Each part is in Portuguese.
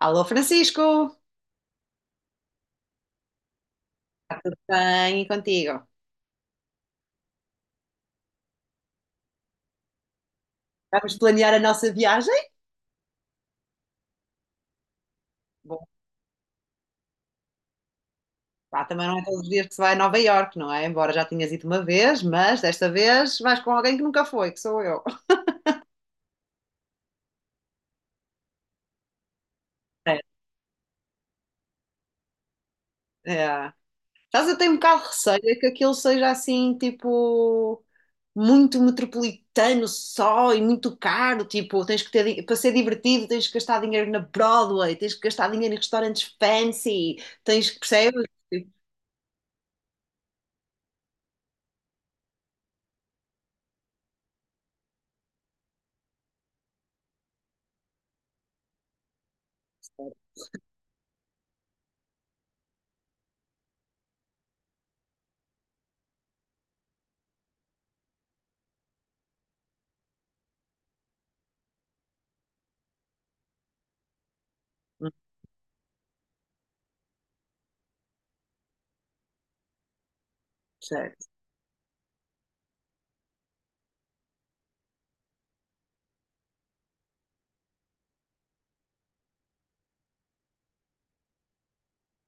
Alô, Francisco! Bem, e contigo? Vamos planear a nossa viagem? Bom, pá, também não é todos os dias que se vai a Nova Iorque, não é? Embora já tinhas ido uma vez, mas desta vez vais com alguém que nunca foi, que sou eu. É. É. Sabes, eu tenho um bocado de receio é que aquilo seja assim, tipo, muito metropolitano só e muito caro. Tipo, tens que ter, para ser divertido, tens que gastar dinheiro na Broadway, tens que gastar dinheiro em restaurantes fancy, tens que, percebes? Tipo, não sei.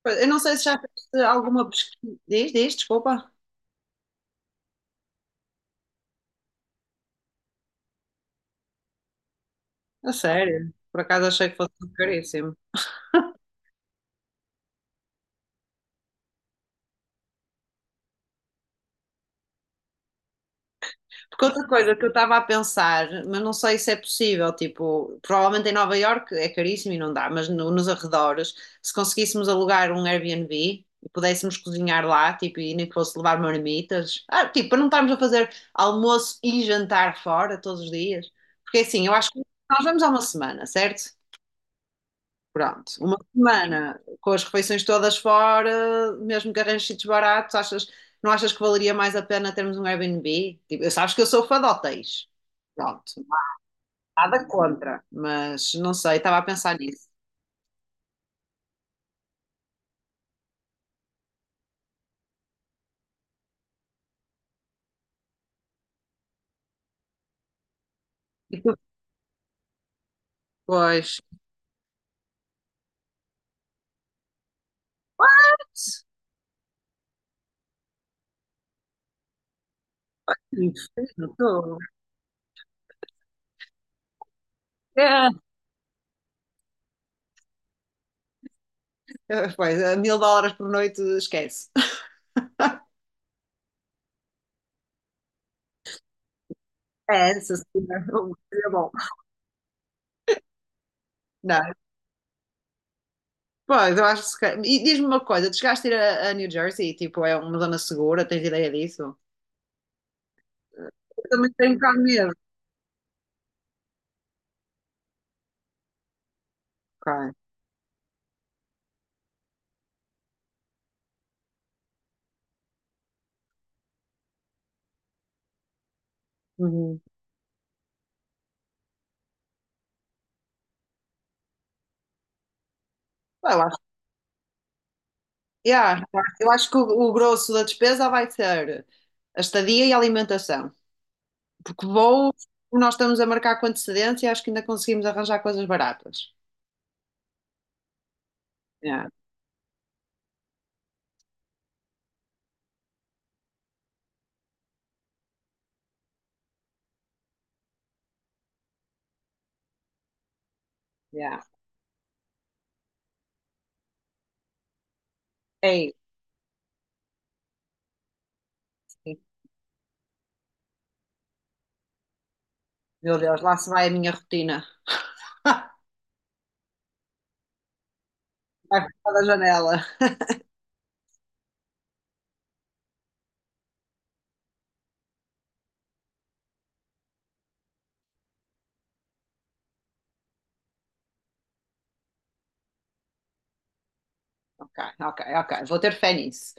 Eu não sei se já fizeste alguma pesquisa. Diz, desculpa. A sério. Por acaso achei que fosse caríssimo. Porque outra coisa que eu estava a pensar, mas não sei se é possível, tipo, provavelmente em Nova Iorque é caríssimo e não dá, mas nos arredores, se conseguíssemos alugar um Airbnb e pudéssemos cozinhar lá, tipo, e nem que fosse levar marmitas, tipo, para não estarmos a fazer almoço e jantar fora todos os dias. Porque assim, eu acho que nós vamos há uma semana, certo? Pronto, uma semana com as refeições todas fora, mesmo que arranjes sítios baratos, achas, não achas que valeria mais a pena termos um Airbnb? Tipo, eu sabes que eu sou fã de hotéis. Pronto, não há nada contra, mas não sei, estava a pensar nisso. E tu depois, não estou. É. Pois, a 1000 dólares por noite, esquece. É, essa seria bom. Não, pois, eu acho que. Se calhar- E diz-me uma coisa, tu chegaste a ir a New Jersey, tipo, é uma zona segura, tens ideia disso? Eu também tenho cá mesmo, cara. Uhum. Eu acho, yeah, eu acho que o grosso da despesa vai ser a estadia e a alimentação. Porque voos, nós estamos a marcar com antecedência e acho que ainda conseguimos arranjar coisas baratas. Yeah, yeah. É isso. Meu Deus, lá se vai a minha rotina. Vai para da janela. Ok, ok, ok. Vou ter fé nisso.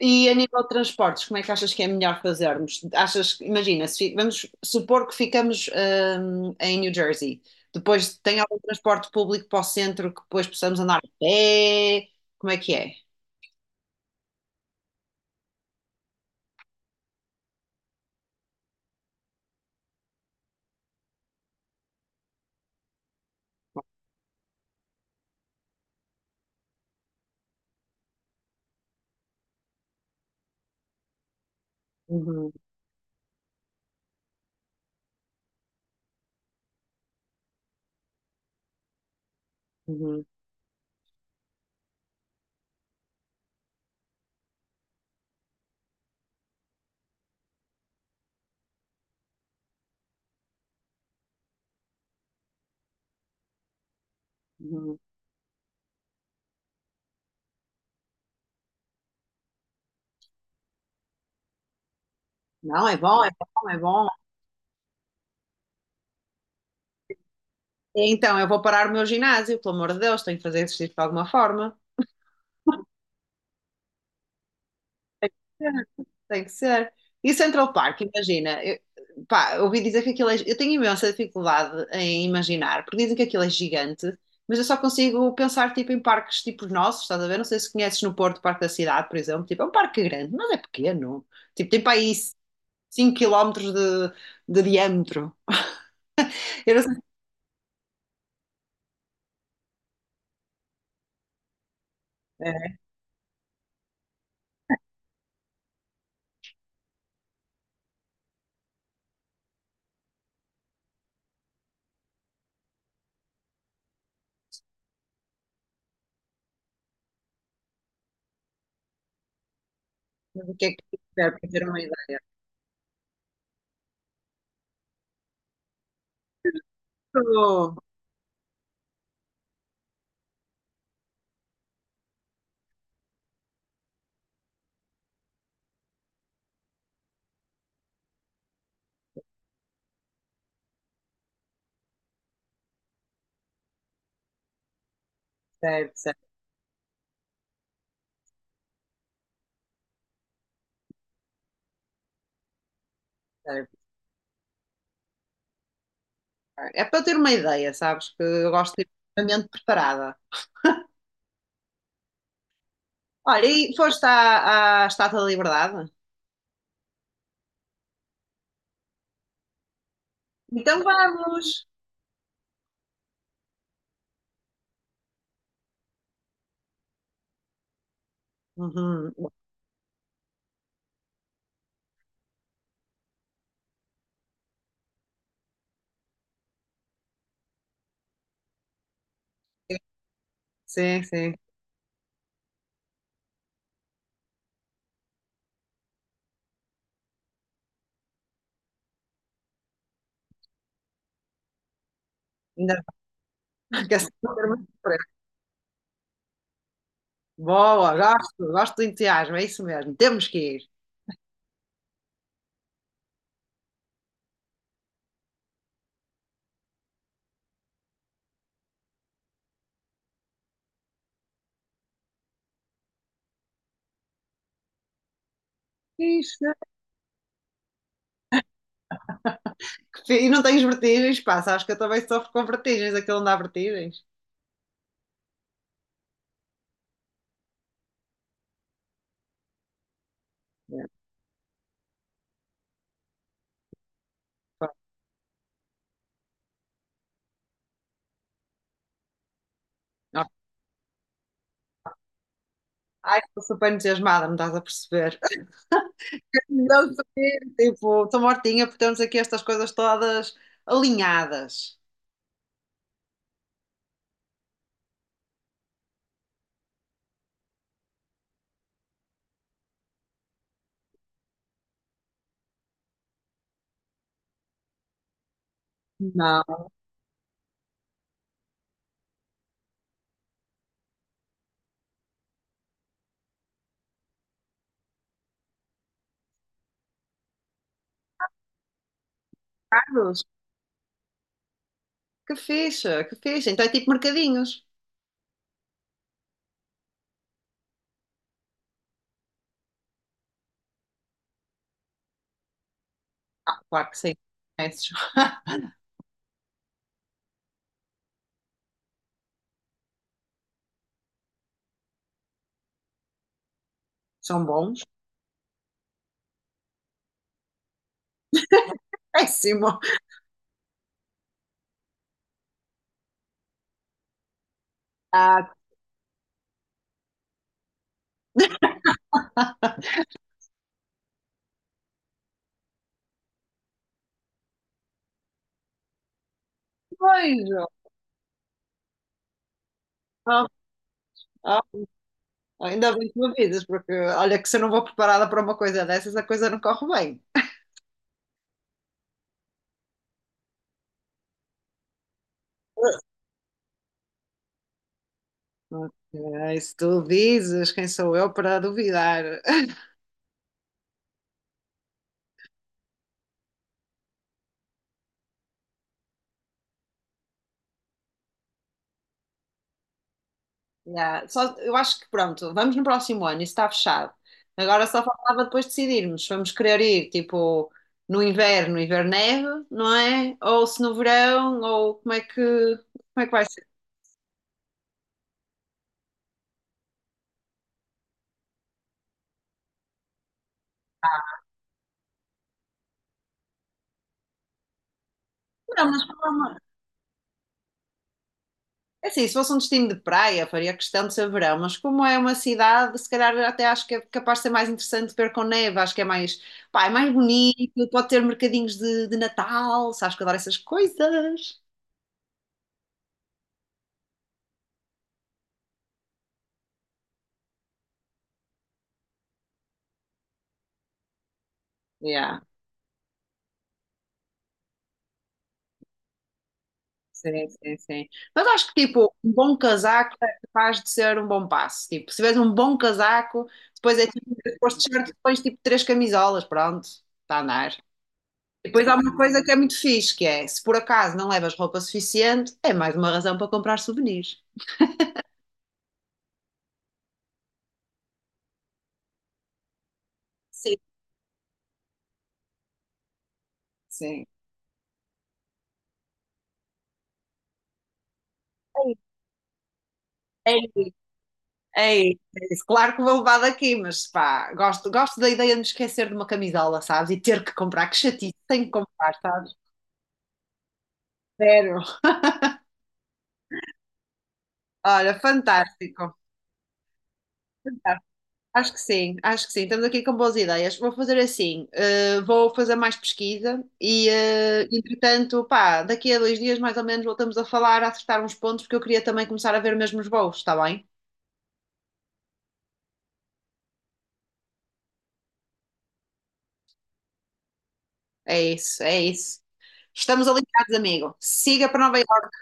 E a nível de transportes, como é que achas que é melhor fazermos? Achas, imagina, se vamos supor que ficamos em New Jersey. Depois tem algum transporte público para o centro que depois possamos andar a pé? Como é que é? Uhum, uhum, uhum. Não, é bom, é bom, é bom. Então, eu vou parar o meu ginásio, pelo amor de Deus, tenho que fazer exercício de alguma forma. Tem que ser. E Central Park, imagina. Eu, pá, eu ouvi dizer que aquilo é. Eu tenho imensa dificuldade em imaginar, porque dizem que aquilo é gigante, mas eu só consigo pensar tipo, em parques tipo os nossos, estás a ver? Não sei se conheces no Porto, o Parque da Cidade, por exemplo. Tipo, é um parque grande, mas é pequeno. Tipo, tem para aí 5 km de diâmetro. Eu não sei é, o que é que serve para ter uma ideia. Oh, certo, certo, certo. É para ter uma ideia, sabes? Que eu gosto de ter uma mente preparada. Olha, e foste à, à Estátua da Liberdade? Então vamos! Uhum. Sim, sim. Ainda bem que essa não era muito diferente. Boa, gosto, gosto do entusiasmo, é isso mesmo. Temos que ir. Isso. E não tens vertigens? Passa. Acho que eu também sofro com vertigens, aquilo não dá vertigens. É, pá. Não. Ai, estou super entusiasmada, não estás a perceber. Não sei, tipo, estou mortinha por termos aqui estas coisas todas alinhadas. Não. Carlos, que fixe, que fixe. Então é tipo mercadinhos. Ah, claro que sim. Esses são bons. Péssimo. Ah, tá. Beijo. Ah, ah, ainda bem que me avisas, porque olha que se eu não vou preparada para uma coisa dessas, a coisa não corre bem. Ok, se tu dizes, quem sou eu para duvidar? Yeah, só, eu acho que pronto, vamos no próximo ano, isso está fechado. Agora só faltava depois decidirmos se vamos querer ir tipo no inverno, inverno neve, não é? Ou se no verão, ou como é que vai ser? Não, mas. É assim, se fosse um destino de praia, faria questão de ser verão, mas como é uma cidade, se calhar até acho que é capaz de ser mais interessante ver com neve, acho que é mais, pá, é mais bonito, pode ter mercadinhos de Natal, sabes que eu adoro essas coisas. Yeah, sim, sim, sim. Mas acho que tipo, um bom casaco é capaz de ser um bom passo. Tipo, se tiveres um bom casaco, depois é tipo, depois de shirt, depois tipo três camisolas, pronto, está a andar. Depois há uma coisa que é muito fixe, que é, se por acaso não levas roupa suficiente, é mais uma razão para comprar souvenirs. Sim, sim. É, isso. É isso, é isso. Claro que vou levar daqui, mas pá, gosto, gosto da ideia de me esquecer de uma camisola, sabes? E ter que comprar, que chatice, tenho que comprar, sabes? Zero. Olha, fantástico. Acho que sim, acho que sim. Estamos aqui com boas ideias. Vou fazer assim, eh, vou fazer mais pesquisa e, eh, entretanto, pá, daqui a 2 dias mais ou menos voltamos a falar, a acertar uns pontos, porque eu queria também começar a ver mesmo os voos, está bem? É isso, é isso. Estamos alinhados, amigo. Siga para Nova Iorque.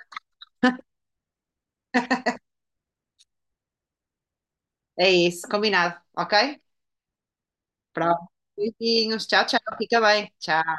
É isso, combinado, ok? Pronto. Beijinhos, tchau, tchau. Fica bem, tchau.